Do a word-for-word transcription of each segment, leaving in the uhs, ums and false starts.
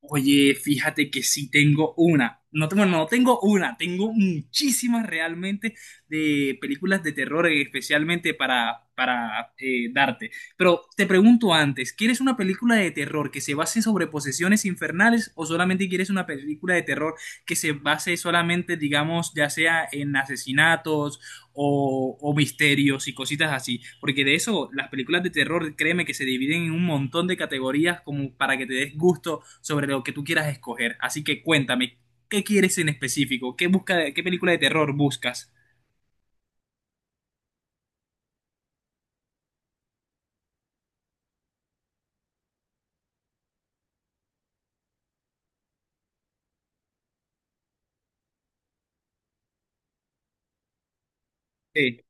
Oye, fíjate que sí tengo una. No tengo, no tengo una, tengo muchísimas realmente de películas de terror, eh, especialmente para, para eh, darte. Pero te pregunto antes, ¿quieres una película de terror que se base sobre posesiones infernales o solamente quieres una película de terror que se base solamente, digamos, ya sea en asesinatos o, o misterios y cositas así? Porque de eso, las películas de terror, créeme que se dividen en un montón de categorías como para que te des gusto sobre lo que tú quieras escoger. Así que cuéntame, ¿qué quieres en específico? ¿Qué, busca, qué película de terror buscas? Sí.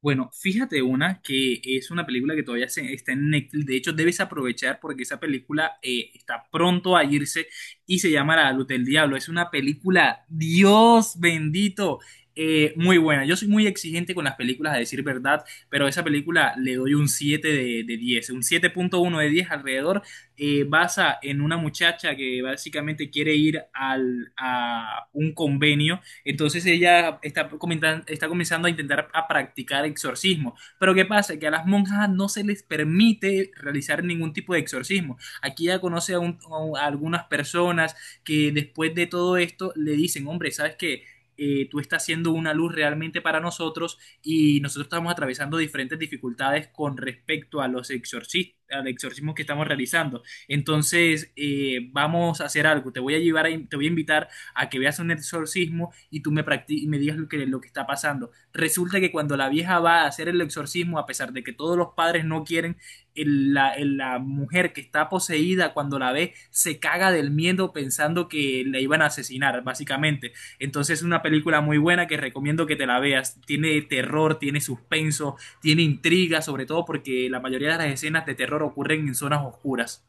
Bueno, fíjate una que es una película que todavía se- está en Netflix. De hecho, debes aprovechar porque esa película eh, está pronto a irse y se llama La Luz del Diablo. Es una película, Dios bendito, eh, muy buena. Yo soy muy exigente con las películas, a decir verdad, pero a esa película le doy un siete de, de diez, un siete punto uno de diez alrededor. Eh, basa en una muchacha que básicamente quiere ir al, a un convenio, entonces ella está, comentan- está comenzando a intentar a practicar exorcismo. Pero ¿qué pasa? Que a las monjas no se les permite realizar ningún tipo de exorcismo. Aquí ella conoce a, un- a un- a algunas personas que después de todo esto le dicen, hombre, ¿sabes qué? Eh, tú estás siendo una luz realmente para nosotros y nosotros estamos atravesando diferentes dificultades con respecto a los exorcismos, al exorcismo que estamos realizando. Entonces, eh, vamos a hacer algo. Te voy a llevar, a in- te voy a invitar a que veas un exorcismo y tú me, practi- y me digas lo que, lo que está pasando. Resulta que cuando la vieja va a hacer el exorcismo, a pesar de que todos los padres no quieren, el- la, el- la mujer que está poseída, cuando la ve se caga del miedo pensando que la iban a asesinar, básicamente. Entonces es una película muy buena que recomiendo que te la veas. Tiene terror, tiene suspenso, tiene intriga, sobre todo porque la mayoría de las escenas de terror ocurren en zonas oscuras.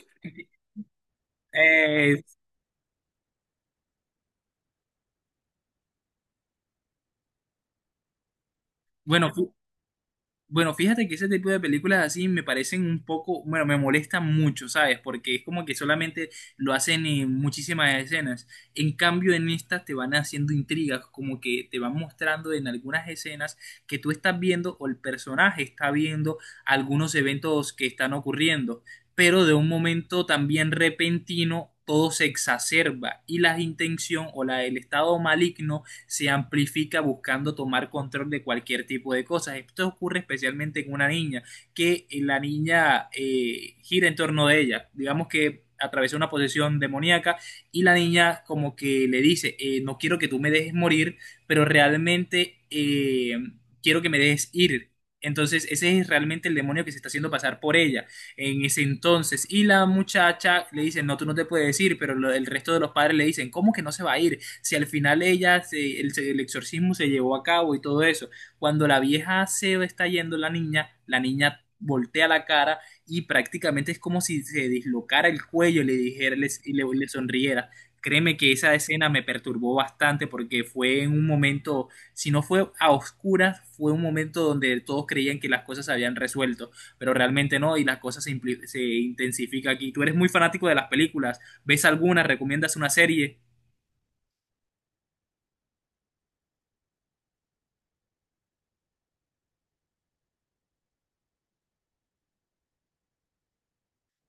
Eh, bueno, Bueno, fíjate que ese tipo de películas así me parecen un poco, bueno, me molestan mucho, ¿sabes? Porque es como que solamente lo hacen en muchísimas escenas. En cambio, en estas te van haciendo intrigas, como que te van mostrando en algunas escenas que tú estás viendo o el personaje está viendo algunos eventos que están ocurriendo, pero de un momento también repentino todo se exacerba y la intención o la, el estado maligno se amplifica buscando tomar control de cualquier tipo de cosas. Esto ocurre especialmente en una niña, que eh, la niña eh, gira en torno de ella. Digamos que atravesó una posesión demoníaca y la niña como que le dice, eh, no quiero que tú me dejes morir, pero realmente eh, quiero que me dejes ir. Entonces ese es realmente el demonio que se está haciendo pasar por ella en ese entonces. Y la muchacha le dice, no, tú no te puedes ir, pero lo- el resto de los padres le dicen, ¿cómo que no se va a ir, si al final ella, se, el, el exorcismo se llevó a cabo y todo eso? Cuando la vieja se está yendo, la niña, la niña voltea la cara y prácticamente es como si se dislocara el cuello y le dijera le- y le, le sonriera. Créeme que esa escena me perturbó bastante porque fue en un momento, si no fue a oscuras, fue un momento donde todos creían que las cosas se habían resuelto, pero realmente no, y las cosas se, impli- se intensifica aquí. Tú eres muy fanático de las películas, ¿ves alguna? ¿Recomiendas una serie?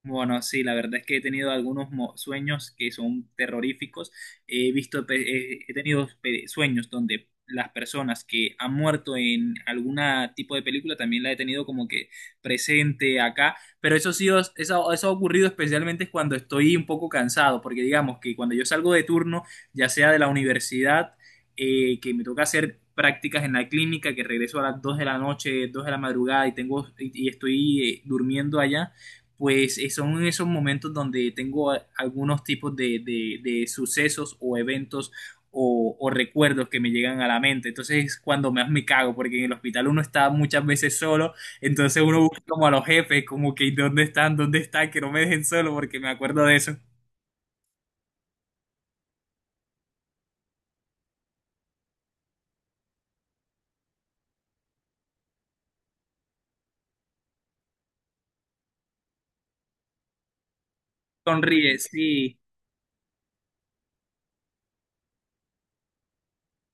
Bueno, sí, la verdad es que he tenido algunos mo- sueños que son terroríficos. He visto, pe- eh, he tenido pe- sueños donde las personas que han muerto en algún tipo de película también la he tenido como que presente acá. Pero eso sí, os- eso, eso ha ocurrido especialmente cuando estoy un poco cansado, porque digamos que cuando yo salgo de turno, ya sea de la universidad, eh, que me toca hacer prácticas en la clínica, que regreso a las dos de la noche, dos de la madrugada y tengo y, y estoy eh, durmiendo allá, pues eh, son esos momentos donde tengo a- algunos tipos de, de- de sucesos o eventos o, o recuerdos que me llegan a la mente. Entonces es cuando más me cago, porque en el hospital uno está muchas veces solo, entonces uno busca como a los jefes, como que ¿dónde están? ¿Dónde están? Que no me dejen solo, porque me acuerdo de eso. Sonríe, sí.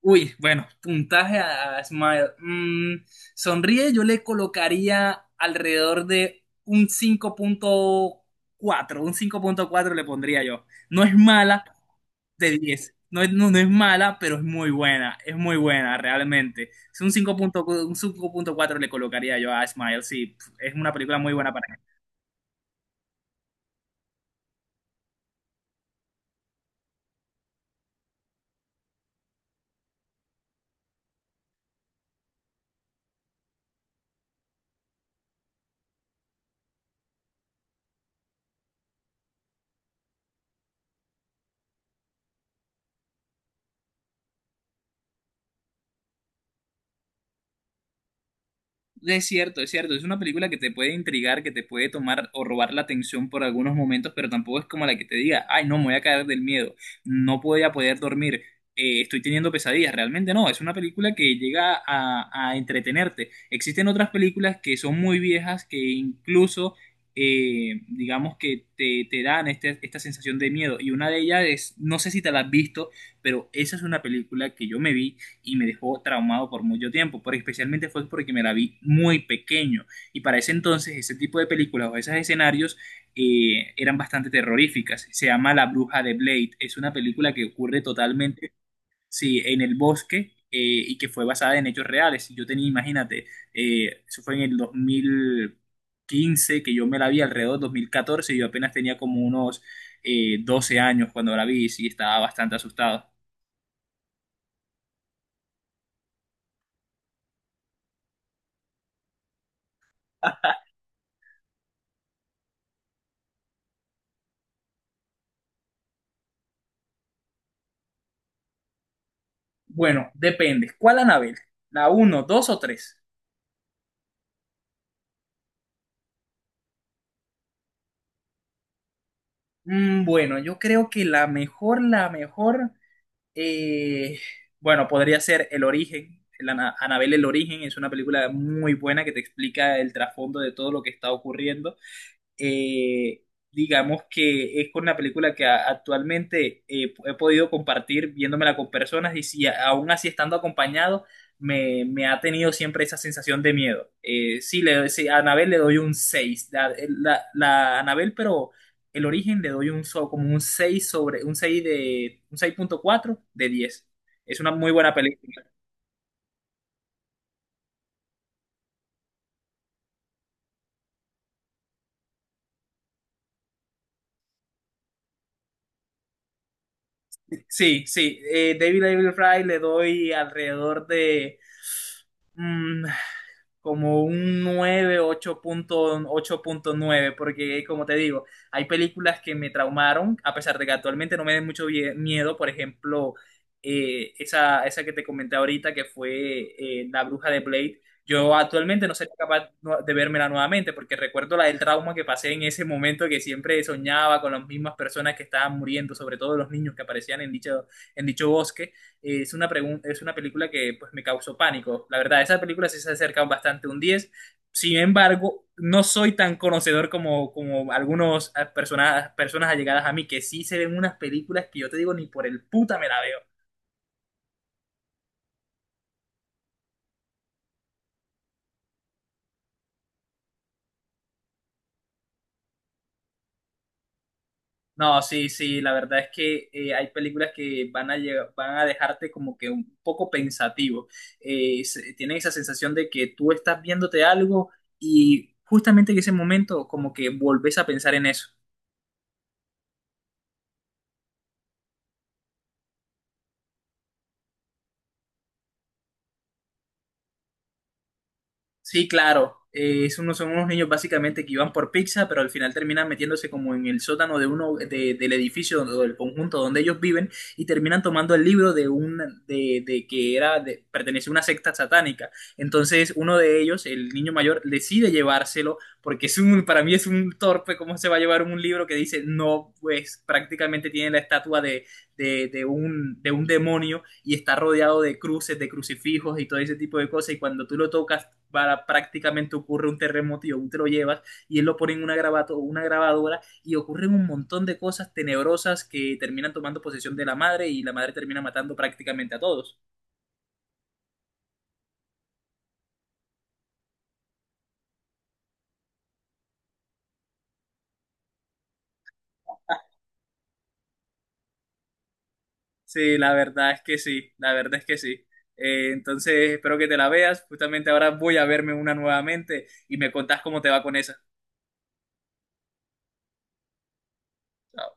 Uy, bueno, puntaje a, a Smile. Mm, sonríe, yo le colocaría alrededor de un cinco punto cuatro. Un cinco punto cuatro le pondría yo. No es mala de diez. No es, no, no es mala, pero es muy buena. Es muy buena, realmente. Es un cinco punto cuatro, un cinco punto cuatro le colocaría yo a Smile. Sí, es una película muy buena para… Es cierto, es cierto. Es una película que te puede intrigar, que te puede tomar o robar la atención por algunos momentos, pero tampoco es como la que te diga, ay, no, me voy a caer del miedo, no voy a poder dormir, eh, estoy teniendo pesadillas. Realmente no, es una película que llega a, a entretenerte. Existen otras películas que son muy viejas que incluso, eh, digamos que te, te dan este- esta sensación de miedo. Y una de ellas es, no sé si te la has visto, pero esa es una película que yo me vi y me dejó traumado por mucho tiempo, pero especialmente fue porque me la vi muy pequeño, y para ese entonces ese tipo de películas o esos escenarios eh, eran bastante terroríficas. Se llama La Bruja de Blade, es una película que ocurre totalmente, sí, en el bosque, eh, y que fue basada en hechos reales. Yo tenía, imagínate, eh, eso fue en el dos mil quince, que yo me la vi alrededor del dos mil catorce, y yo apenas tenía como unos eh, doce años cuando la vi y sí, estaba bastante asustado. Bueno, depende. ¿Cuál Anabel? ¿La uno, dos o tres? Bueno, yo creo que la mejor, la mejor, eh, bueno, podría ser El Origen. El Ana- Anabel El Origen es una película muy buena que te explica el trasfondo de todo lo que está ocurriendo. eh, digamos que es con la película que a- actualmente eh, he podido compartir viéndomela con personas, y si a- aún así estando acompañado, me, me ha tenido siempre esa sensación de miedo. Eh, sí, le, doy- sí, a Anabel le doy un seis la, eh, la, la Anabel, pero el origen le doy un, so- como un seis sobre, un seis de, un seis punto cuatro de diez. Es una muy buena película. Sí, sí, eh, David David Fry le doy alrededor de… mm, como un nueve ocho ocho punto ocho punto nueve, porque como te digo, hay películas que me traumaron, a pesar de que actualmente no me den mucho vie- miedo, por ejemplo, eh, esa, esa que te comenté ahorita, que fue eh, La Bruja de Blade. Yo actualmente no sería capaz nu- de vérmela nuevamente, porque recuerdo la del trauma que pasé en ese momento, que siempre soñaba con las mismas personas que estaban muriendo, sobre todo los niños que aparecían en dicho, en dicho bosque, y es una pregun- es una película que pues me causó pánico. La verdad, esa película sí se acerca bastante a un diez. Sin embargo, no soy tan conocedor como, como algunas personas, personas allegadas a mí que sí se ven unas películas que yo te digo ni por el puta me la veo. No, sí, sí, la verdad es que eh, hay películas que van a, lle- van a dejarte como que un poco pensativo. Eh, se- tienen esa sensación de que tú estás viéndote algo y justamente en ese momento como que volvés a pensar en eso. Sí, claro. Eh, es uno- son unos niños básicamente que iban por pizza, pero al final terminan metiéndose como en el sótano de uno de- del edificio donde- o del conjunto donde ellos viven, y terminan tomando el libro de un, de, de que era de, pertenece a una secta satánica. Entonces uno de ellos, el niño mayor, decide llevárselo. Porque es un, para mí es un torpe, cómo se va a llevar un libro que dice no, pues prácticamente tiene la estatua de, de, de un, de un demonio, y está rodeado de cruces, de crucifijos y todo ese tipo de cosas. Y cuando tú lo tocas para, prácticamente ocurre un terremoto, y aún te lo llevas, y él lo pone en una, grabato- una grabadora, y ocurren un montón de cosas tenebrosas que terminan tomando posesión de la madre, y la madre termina matando prácticamente a todos. Sí, la verdad es que sí, la verdad es que sí. Eh, entonces espero que te la veas, justamente ahora voy a verme una nuevamente y me contás cómo te va con esa. Chao.